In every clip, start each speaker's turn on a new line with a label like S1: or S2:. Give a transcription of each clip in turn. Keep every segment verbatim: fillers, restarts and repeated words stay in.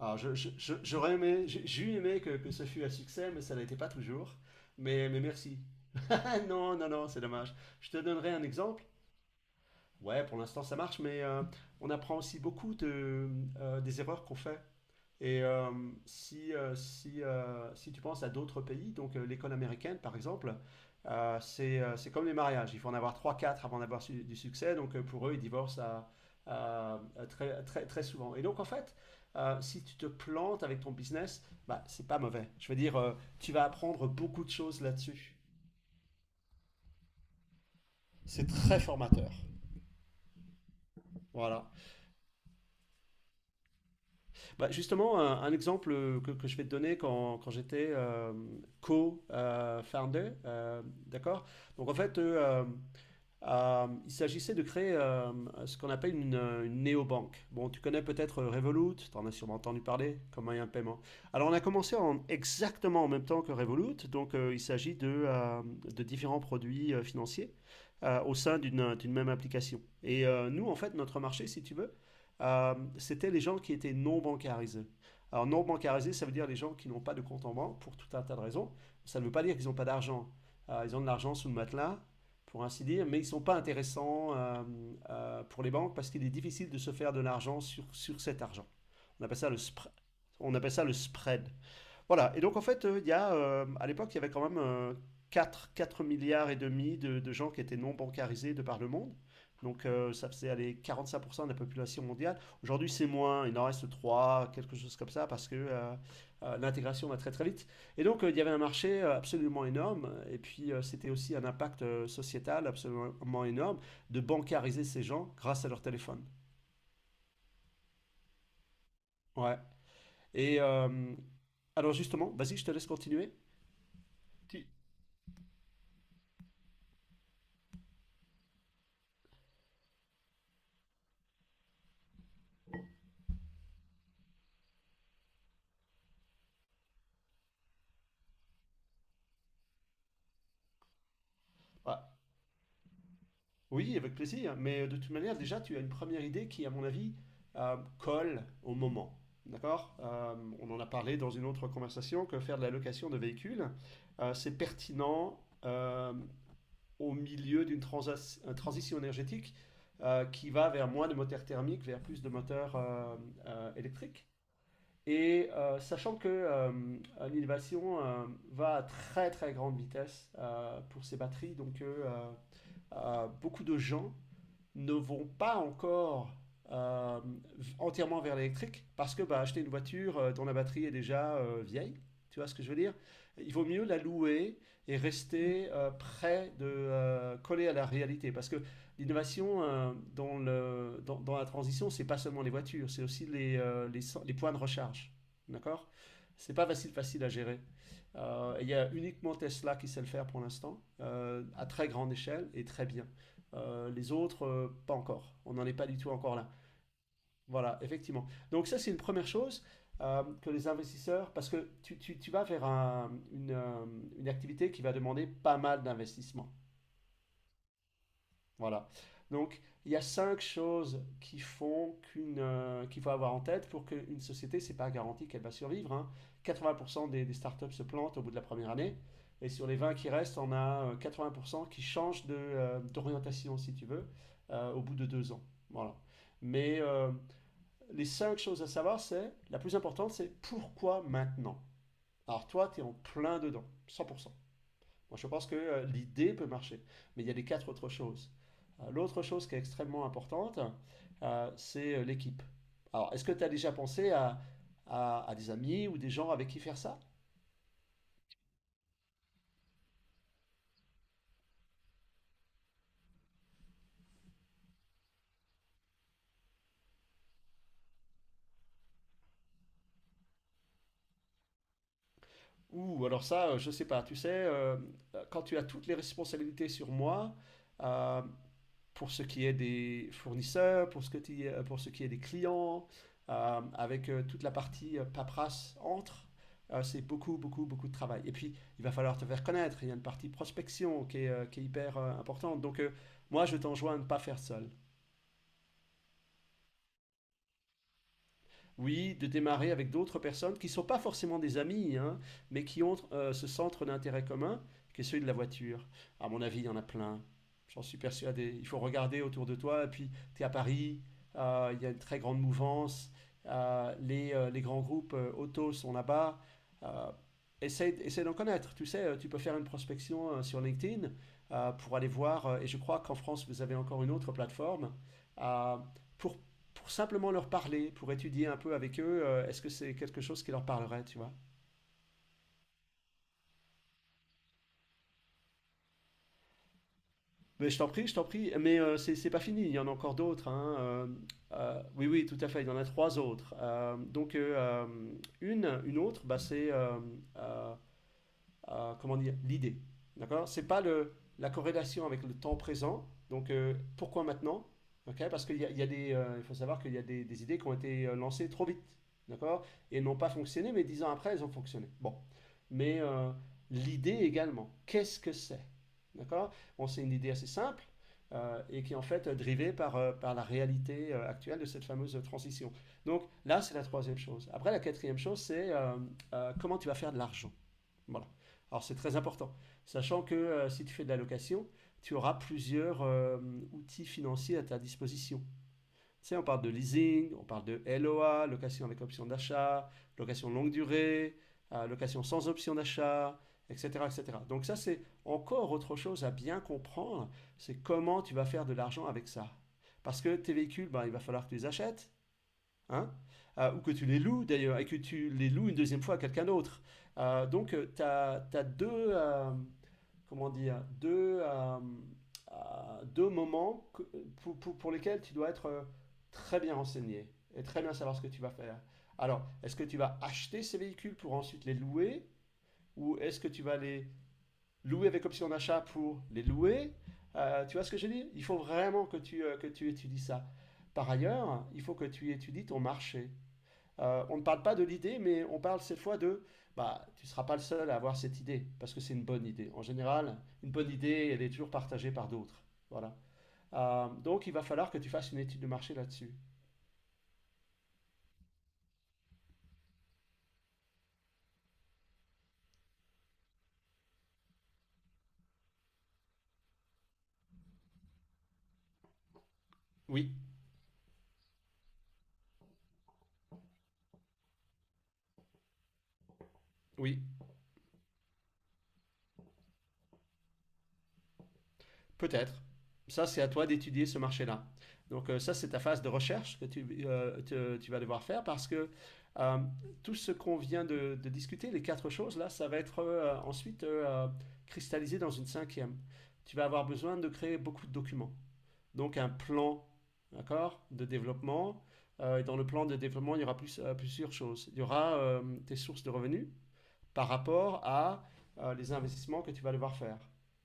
S1: Alors, je- je- je- j'aurais aimé, j'ai j'ai eu aimé que, que ce fût un succès, mais ça n'a été pas toujours. Mais, mais merci. Non, non, non, c'est dommage. Je te donnerai un exemple. Ouais, pour l'instant, ça marche, mais euh, on apprend aussi beaucoup de, euh, des erreurs qu'on fait. Et euh, si, euh, si, euh, si tu penses à d'autres pays, donc euh, l'école américaine par exemple, euh, c'est euh, c'est comme les mariages, il faut en avoir trois quatre avant d'avoir su- du succès, donc euh, pour eux ils divorcent à- à- à très, très, très souvent. Et donc en fait, euh, si tu te plantes avec ton business, bah, c'est pas mauvais. Je veux dire, euh, tu vas apprendre beaucoup de choses là-dessus. C'est très formateur. Voilà. Bah, justement, un, un exemple euh, que, que je vais te donner quand, quand j'étais euh, co-founder, euh, d'accord? Donc en fait, eux, euh, euh, il s'agissait de créer euh, ce qu'on appelle une, euh, une néobanque. Bon, tu connais peut-être euh, Revolut, tu en as sûrement entendu parler comme moyen de paiement. Alors, on a commencé en, exactement en même temps que Revolut, donc euh, il s'agit de, euh, de différents produits euh, financiers euh, au sein d'une d'une même application. Et euh, nous, en fait, notre marché, si tu veux, euh, c'était les gens qui étaient non bancarisés. Alors, non bancarisés, ça veut dire les gens qui n'ont pas de compte en banque pour tout un tas de raisons. Ça ne veut pas dire qu'ils n'ont pas d'argent. Euh, ils ont de l'argent sous le matelas, pour ainsi dire, mais ils ne sont pas intéressants euh, euh, pour les banques parce qu'il est difficile de se faire de l'argent sur, sur cet argent. On appelle ça le, spr- on appelle ça le spread. Voilà, et donc en fait, euh, il y a, euh, à l'époque, il y avait quand même euh, 4, 4 milliards et demi de, de gens qui étaient non bancarisés de par le monde. Donc euh, ça faisait aller quarante-cinq pour cent de la population mondiale. Aujourd'hui, c'est moins, il en reste trois, quelque chose comme ça, parce que euh, euh, l'intégration va très très vite. Et donc, euh, il y avait un marché euh, absolument énorme, et puis euh, c'était aussi un impact euh, sociétal absolument énorme de bancariser ces gens grâce à leur téléphone. Ouais. Et euh, alors justement, vas-y, je te laisse continuer. Tu- Ouais. Oui, avec plaisir. Mais euh, de toute manière, déjà, tu as une première idée qui, à mon avis, euh, colle au moment. D'accord? Euh, on en a parlé dans une autre conversation que faire de la location de véhicules, euh, c'est pertinent euh, au milieu d'une transas- euh, transition énergétique euh, qui va vers moins de moteurs thermiques, vers plus de moteurs euh, euh, électriques. Et euh, sachant que euh, l'innovation euh, va à très très grande vitesse euh, pour ces batteries, donc euh, euh, beaucoup de gens ne vont pas encore euh, entièrement vers l'électrique parce que bah, acheter une voiture euh, dont la batterie est déjà euh, vieille, tu vois ce que je veux dire? Il vaut mieux la louer et rester euh, près de euh, coller à la réalité parce que l'innovation euh, dans le, dans, dans la transition, c'est pas seulement les voitures, c'est aussi les, euh, les, cen- les points de recharge. D'accord? C'est pas facile, facile à gérer. Euh, il y a uniquement Tesla qui sait le faire pour l'instant, euh, à très grande échelle et très bien. Euh, les autres, euh, pas encore. On n'en est pas du tout encore là. Voilà, effectivement. Donc ça, c'est une première chose euh, que les investisseurs, parce que tu, tu- tu vas vers un- une, euh, une activité qui va demander pas mal d'investissement. Voilà. Donc, il y a cinq choses qui font qu'une, euh, qu'il faut avoir en tête pour qu'une société, c'est pas garanti qu'elle va survivre, hein. quatre-vingts pour cent des, des startups se plantent au bout de la première année. Et sur les vingt qui restent, on a euh, quatre-vingts pour cent qui changent de, euh, d'orientation, si tu veux, euh, au bout de deux ans. Voilà. Mais euh, les cinq choses à savoir, c'est la plus importante, c'est pourquoi maintenant? Alors toi, tu es en plein dedans, cent pour cent. Moi, je pense que euh, l'idée peut marcher. Mais il y a les quatre autres choses. Euh, L'autre chose qui est extrêmement importante, euh, c'est euh, l'équipe. Alors, est-ce que tu as déjà pensé à, à- à des amis ou des gens avec qui faire ça? Ou alors ça, euh, je sais pas. Tu sais, euh, quand tu as toutes les responsabilités sur moi, euh, pour ce qui est des fournisseurs, pour ce, que ti- euh, pour ce qui est des clients, euh, avec euh, toute la partie euh, paperasse entre. Euh, c'est beaucoup, beaucoup, beaucoup de travail. Et puis, il va falloir te faire connaître. Il y a une partie prospection qui est, euh, qui est hyper euh, importante. Donc, euh, moi, je t'enjoins à ne pas faire seul. Oui, de démarrer avec d'autres personnes qui ne sont pas forcément des amis, hein, mais qui ont euh, ce centre d'intérêt commun qui est celui de la voiture. À mon avis, il y en a plein. J'en suis persuadé. Il faut regarder autour de toi. Et puis, tu es à Paris, euh, il y a une très grande mouvance. euh, les, euh, les grands groupes euh, auto sont là-bas. Euh, essaie, essaie d'en connaître. Tu sais, euh, tu peux faire une prospection euh, sur LinkedIn euh, pour aller voir. euh, et je crois qu'en France, vous avez encore une autre plateforme euh, pour pour simplement leur parler, pour étudier un peu avec eux, euh, est-ce que c'est quelque chose qui leur parlerait, tu vois. Mais je t'en prie, je t'en prie. Mais euh, c'est c'est pas fini, il y en a encore d'autres, hein. euh, euh, oui, oui, tout à fait, il y en a trois autres. Euh, donc, euh, euh, une, une autre, bah, c'est euh, euh, euh, comment dire, l'idée. D'accord? C'est pas le, la corrélation avec le temps présent. Donc, euh, pourquoi maintenant? Ok? Parce qu'il y a, il y a des, euh, il faut savoir qu'il y a des, des idées qui ont été euh, lancées trop vite. D'accord? Et n'ont pas fonctionné, mais dix ans après, elles ont fonctionné. Bon. Mais euh, l'idée également, qu'est-ce que c'est? D'accord? Bon, c'est une idée assez simple euh, et qui est en fait euh, drivée par, euh, par la réalité euh, actuelle de cette fameuse euh, transition. Donc là, c'est la troisième chose. Après, la quatrième chose, c'est euh, euh, comment tu vas faire de l'argent. Voilà. Alors c'est très important, sachant que euh, si tu fais de la location, tu auras plusieurs euh, outils financiers à ta disposition. Tu sais, on parle de leasing, on parle de L O A, location avec option d'achat, location longue durée, euh, location sans option d'achat, et cetera, et cetera. Donc ça, c'est encore autre chose à bien comprendre, c'est comment tu vas faire de l'argent avec ça. Parce que tes véhicules, ben, il va falloir que tu les achètes, hein, euh, ou que tu les loues d'ailleurs, et que tu les loues une deuxième fois à quelqu'un d'autre. Euh, donc, tu as, deux, euh, comment dire, deux, euh, euh, deux moments que- pour, pour- pour lesquels tu dois être euh, très bien renseigné et très bien savoir ce que tu vas faire. Alors, est-ce que tu vas acheter ces véhicules pour ensuite les louer, ou est-ce que tu vas les louer avec option d'achat pour les louer? Euh, tu vois ce que je dis. Il faut vraiment que tu, euh, que tu étudies ça. Par ailleurs, il faut que tu étudies ton marché. Euh, on ne parle pas de l'idée, mais on parle cette fois de bah, tu ne seras pas le seul à avoir cette idée, parce que c'est une bonne idée. En général, une bonne idée, elle est toujours partagée par d'autres. Voilà. Euh, donc, il va falloir que tu fasses une étude de marché là-dessus. Oui, oui, peut-être. Ça, c'est à toi d'étudier ce marché-là. Donc, euh, ça, c'est ta phase de recherche que tu, euh, te- tu vas devoir faire parce que euh, tout ce qu'on vient de, de discuter, les quatre choses, là, ça va être euh, ensuite euh, euh, cristallisé dans une cinquième. Tu vas avoir besoin de créer beaucoup de documents. Donc un plan d'accord, de développement. Euh, et dans le plan de développement, il y aura plus, euh, plusieurs choses. Il y aura euh, tes sources de revenus, par rapport à euh, les investissements que tu vas devoir faire.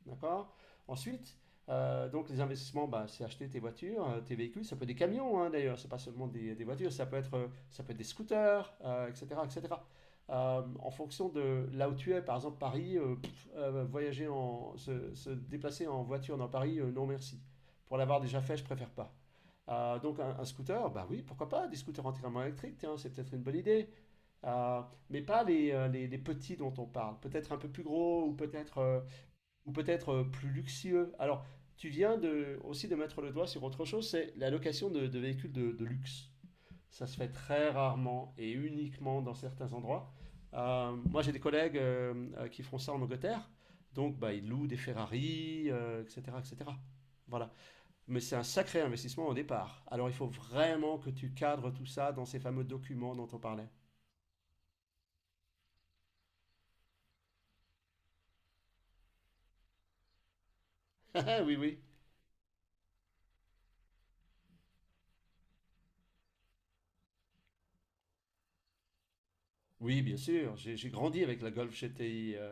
S1: D'accord. Ensuite, euh, donc les investissements, bah, c'est acheter tes voitures, euh, tes véhicules, ça peut être des camions hein, d'ailleurs, c'est pas seulement des, des voitures, ça peut être, euh, ça peut être des scooters, euh, et cétéra, et cétéra. Euh, en fonction de là où tu es, par exemple Paris, euh, pff, euh, voyager en, se, se déplacer en voiture dans Paris, euh, non merci. Pour l'avoir déjà fait, je préfère pas. Euh, donc un, un scooter, bah oui, pourquoi pas, des scooters entièrement électriques, tiens, c'est peut-être une bonne idée. Euh, mais pas les, euh, les, les petits dont on parle. Peut-être un peu plus gros ou peut-être euh, ou peut-être euh, plus luxueux. Alors, tu viens de, aussi de mettre le doigt sur autre chose, c'est la location de, de véhicules de, de luxe. Ça se fait très rarement et uniquement dans certains endroits. Euh, moi, j'ai des collègues euh, euh, qui font ça en Angleterre. Donc, bah, ils louent des Ferrari, euh, et cétéra, et cétéra. Voilà. Mais c'est un sacré investissement au départ. Alors, il faut vraiment que tu cadres tout ça dans ces fameux documents dont on parlait. Oui, oui. Oui, bien sûr, j'ai j'ai grandi avec la Golf G T I. euh,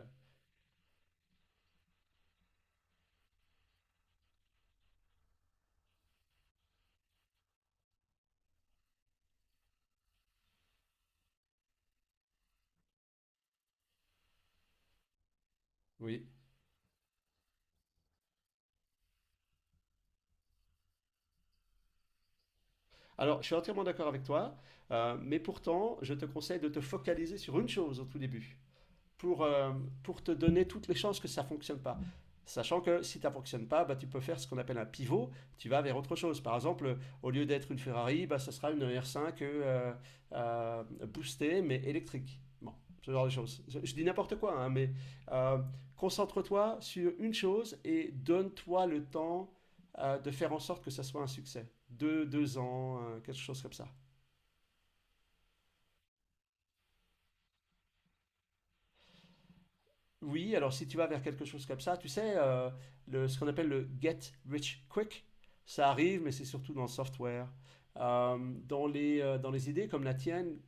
S1: Oui. Alors, je suis entièrement d'accord avec toi, euh, mais pourtant, je te conseille de te focaliser sur une chose au tout début. pour, euh, pour te donner toutes les chances que ça ne fonctionne pas. Sachant que si ça ne fonctionne pas, bah, tu peux faire ce qu'on appelle un pivot, tu vas vers autre chose. Par exemple, au lieu d'être une Ferrari, bah, ça sera une R cinq euh, euh, boostée mais électrique. Bon, ce genre de choses. Je, je dis n'importe quoi, hein, mais euh, concentre-toi sur une chose et donne-toi le temps euh, de faire en sorte que ça soit un succès. Deux, deux ans, euh, quelque chose comme ça. Oui, alors si tu vas vers quelque chose comme ça, tu sais, euh, le, ce qu'on appelle le get rich quick, ça arrive, mais c'est surtout dans le software. Euh, Dans les, euh, dans les idées comme la tienne,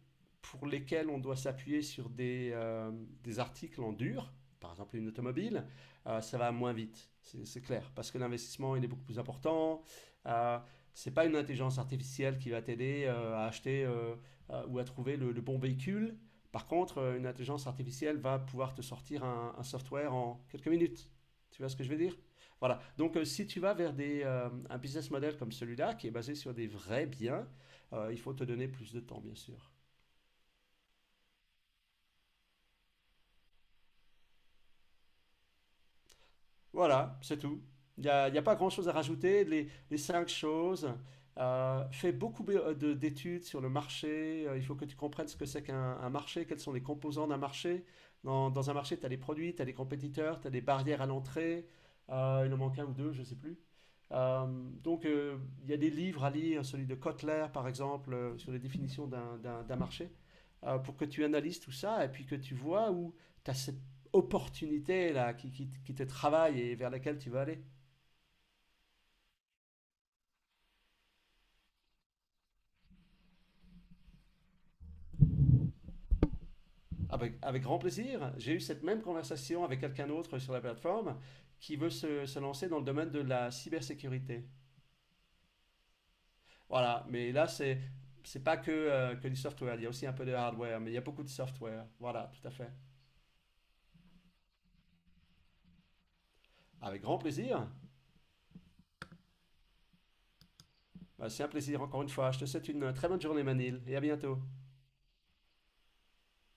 S1: pour lesquelles on doit s'appuyer sur des, euh, des articles en dur, par exemple une automobile, euh, ça va moins vite, c'est c'est clair, parce que l'investissement, il est beaucoup plus important. Euh, c'est pas une intelligence artificielle qui va t'aider euh, à acheter euh, euh, ou à trouver le, le bon véhicule. Par contre, euh, une intelligence artificielle va pouvoir te sortir un, un software en quelques minutes. Tu vois ce que je veux dire? Voilà. Donc, euh, si tu vas vers des, euh, un business model comme celui-là, qui est basé sur des vrais biens, euh, il faut te donner plus de temps, bien sûr. Voilà, c'est tout. Il n'y a, il y a pas grand-chose à rajouter. Les, les cinq choses. Euh, fais beaucoup be- de- d'études sur le marché. Euh, il faut que tu comprennes ce que c'est qu'un un marché, quels sont les composants d'un marché. Dans, dans un marché, tu as les produits, tu as les compétiteurs, tu as des barrières à l'entrée. Euh, il en manque un ou deux, je ne sais plus. Euh, donc, euh, il y a des livres à lire, celui de Kotler, par exemple, euh, sur les définitions d'un d'un- d'un marché, euh, pour que tu analyses tout ça et puis que tu vois où tu as opportunité là, qui, qui, qui te travaille et vers laquelle tu vas aller. Avec, avec grand plaisir. J'ai eu cette même conversation avec quelqu'un d'autre sur la plateforme qui veut se, se lancer dans le domaine de la cybersécurité. Voilà, mais là, c'est c'est pas que, euh, que du software, il y a aussi un peu de hardware, mais il y a beaucoup de software. Voilà, tout à fait. Avec grand plaisir. Bah, c'est un plaisir encore une fois. Je te souhaite une euh, très bonne journée Manil et à bientôt.